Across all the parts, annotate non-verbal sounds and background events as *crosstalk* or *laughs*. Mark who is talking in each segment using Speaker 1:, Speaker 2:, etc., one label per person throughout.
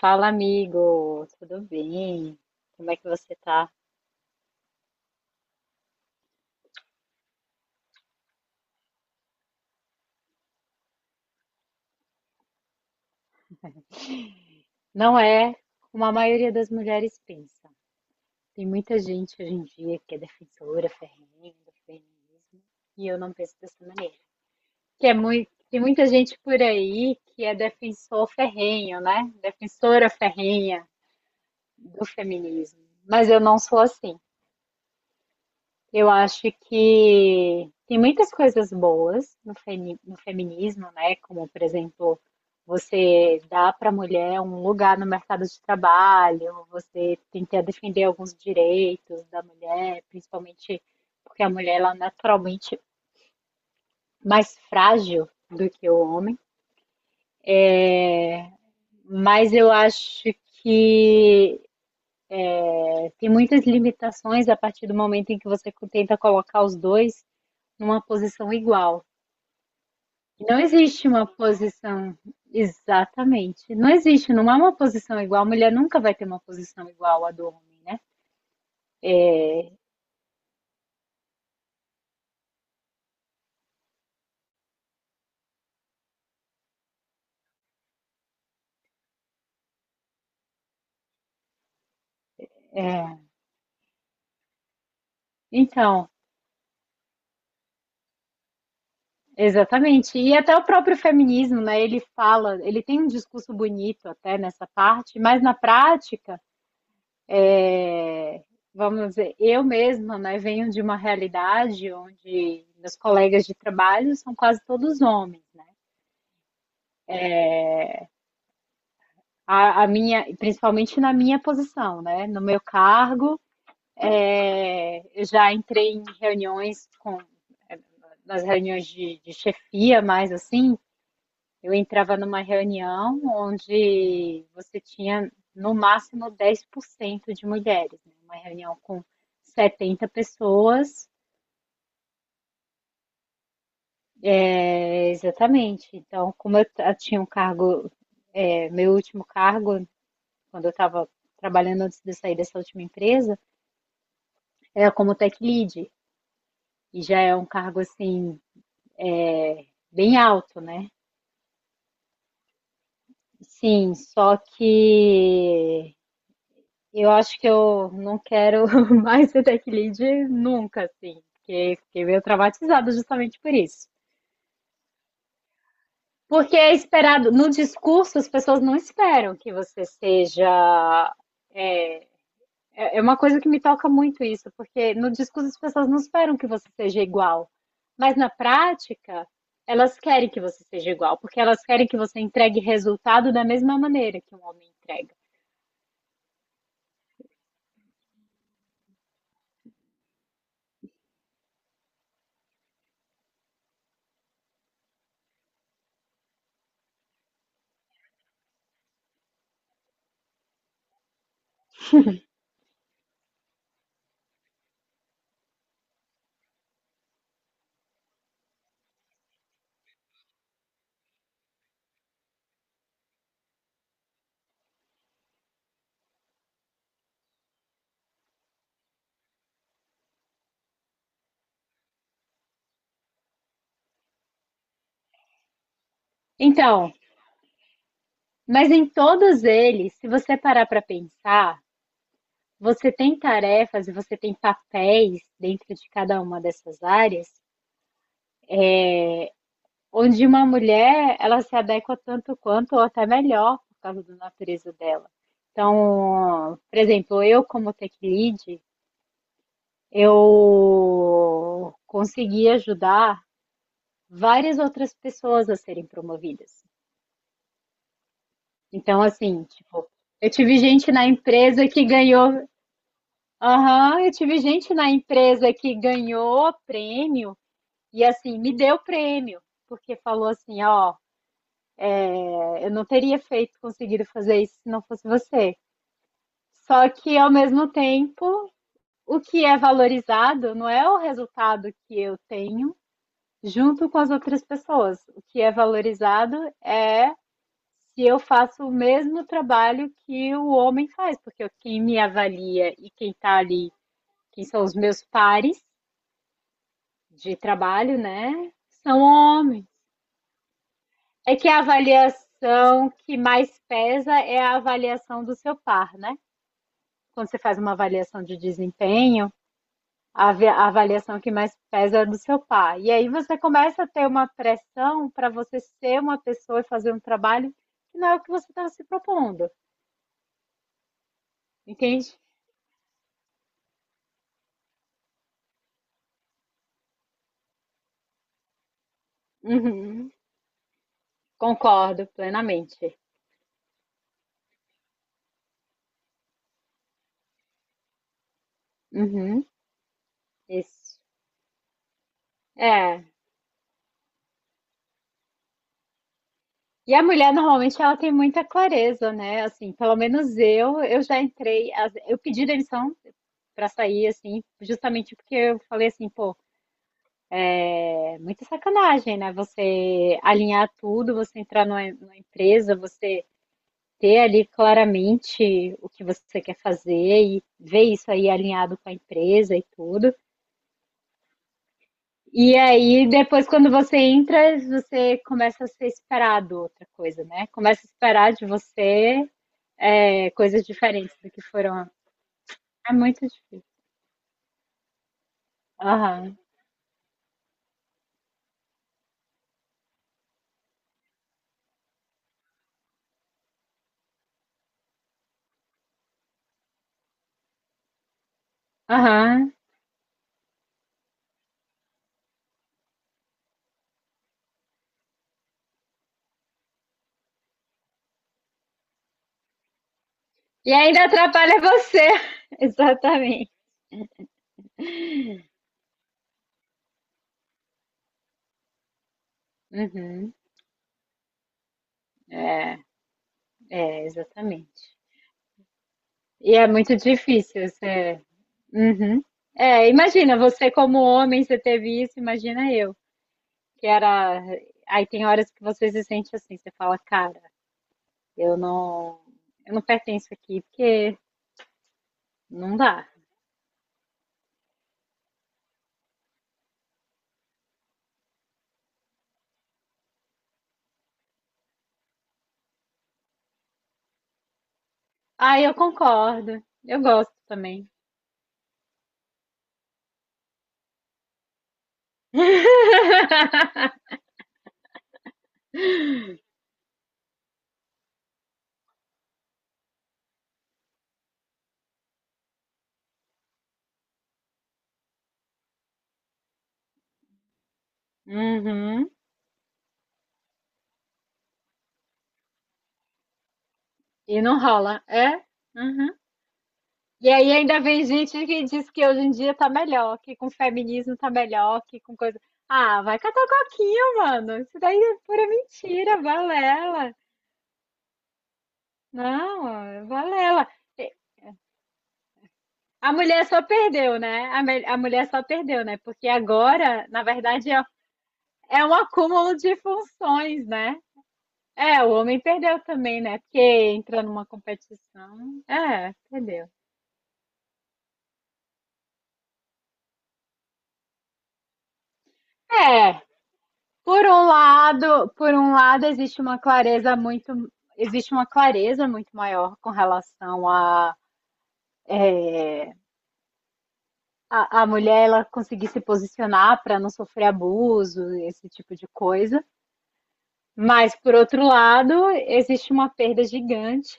Speaker 1: Fala, amigo, tudo bem? Como é que você tá? Não é como a maioria das mulheres pensa. Tem muita gente hoje em dia que é defensora ferrenha do feminismo e eu não penso dessa maneira. Tem muita gente por aí que é defensor ferrenho, né? Defensora ferrenha do feminismo. Mas eu não sou assim. Eu acho que tem muitas coisas boas no feminismo, né? Como, por exemplo, você dá para a mulher um lugar no mercado de trabalho, você tenta defender alguns direitos da mulher, principalmente porque a mulher ela é naturalmente mais frágil do que o homem. Mas eu acho que tem muitas limitações a partir do momento em que você tenta colocar os dois numa posição igual. Não existe uma posição exatamente. Não existe, não há uma posição igual. A mulher nunca vai ter uma posição igual à do homem, né? Então, exatamente. E até o próprio feminismo, né? Ele fala, ele tem um discurso bonito até nessa parte, mas na prática, é, vamos dizer, eu mesma, né, venho de uma realidade onde meus colegas de trabalho são quase todos homens. A minha, principalmente na minha posição, né? No meu cargo, é, eu já entrei em reuniões com, é, nas reuniões de chefia, mas assim, eu entrava numa reunião onde você tinha no máximo 10% de mulheres, né? Uma reunião com 70 pessoas, é, exatamente. Então, eu tinha um cargo, é, meu último cargo, quando eu estava trabalhando antes de sair dessa última empresa, era como tech lead, e já é um cargo assim, bem alto, né? Sim, só que eu acho que eu não quero *laughs* mais ser tech lead nunca, assim, porque fiquei meio traumatizada justamente por isso. Porque é esperado, no discurso as pessoas não esperam que você seja. É, é uma coisa que me toca muito isso, porque no discurso as pessoas não esperam que você seja igual, mas na prática elas querem que você seja igual, porque elas querem que você entregue resultado da mesma maneira que um homem entrega. Então, mas em todos eles, se você parar para pensar, você tem tarefas e você tem papéis dentro de cada uma dessas áreas, onde uma mulher ela se adequa tanto quanto ou até melhor por causa da natureza dela. Então, por exemplo, eu como tech lead, eu consegui ajudar várias outras pessoas a serem promovidas. Então, assim, tipo, eu tive gente na empresa que ganhou aham, eu tive gente na empresa que ganhou prêmio e assim, me deu prêmio, porque falou assim, ó, é, eu não teria feito, conseguido fazer isso se não fosse você. Só que ao mesmo tempo, o que é valorizado não é o resultado que eu tenho junto com as outras pessoas. O que é valorizado é se eu faço o mesmo trabalho que o homem faz, porque quem me avalia e quem tá ali, quem são os meus pares de trabalho, né? São homens. É que a avaliação que mais pesa é a avaliação do seu par, né? Quando você faz uma avaliação de desempenho, a avaliação que mais pesa é do seu par. E aí você começa a ter uma pressão para você ser uma pessoa e fazer um trabalho que não é o que você estava se propondo, entende? Uhum. Concordo plenamente. Uhum. Isso. É. E a mulher normalmente ela tem muita clareza, né? Assim, pelo menos eu, eu pedi demissão pra sair, assim, justamente porque eu falei assim, pô, é muita sacanagem, né? Você alinhar tudo, você entrar numa empresa, você ter ali claramente o que você quer fazer e ver isso aí alinhado com a empresa e tudo. E aí, depois, quando você entra, você começa a ser esperado outra coisa, né? Começa a esperar de você coisas diferentes do que foram. É muito difícil. Aham, aham. E ainda atrapalha você. *laughs* Exatamente. Uhum. É, exatamente. E é muito difícil você. Uhum. É, imagina, você como homem, você teve isso, imagina eu, que era. Aí tem horas que você se sente assim, você fala, cara, eu não, eu não pertenço aqui, porque não dá. Ah, eu concordo. Eu gosto também. *laughs* Uhum. E não rola. É? Uhum. E aí ainda vem gente que diz que hoje em dia tá melhor, que com feminismo tá melhor, que com coisa. Ah, vai catar coquinho, mano. Isso daí é pura mentira, valela. Não, valela. A mulher só perdeu, né? A mulher só perdeu, né? Porque agora, na verdade, é, é um acúmulo de funções, né? É, o homem perdeu também, né? Porque entra numa competição. É, perdeu. É, por um lado, existe uma clareza muito, existe uma clareza muito maior com relação a mulher ela conseguir se posicionar para não sofrer abuso, esse tipo de coisa. Mas por outro lado, existe uma perda gigante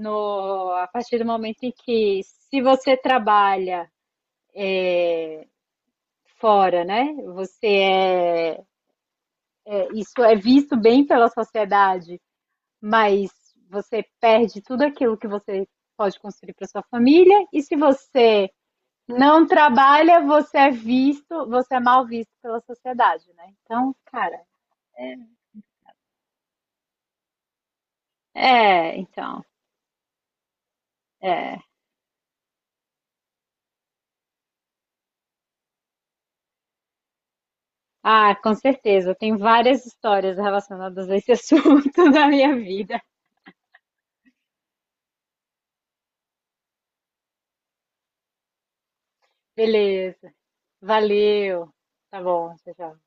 Speaker 1: no a partir do momento em que se você trabalha é, fora, né? Você é, é isso é visto bem pela sociedade mas você perde tudo aquilo que você pode construir para sua família, e se você não trabalha, você é visto, você é mal visto pela sociedade, né? Então, cara, é, então, é. Ah, com certeza, tem várias histórias relacionadas a esse assunto *laughs* na minha vida. Beleza. Valeu. Tá bom, tchau, tchau.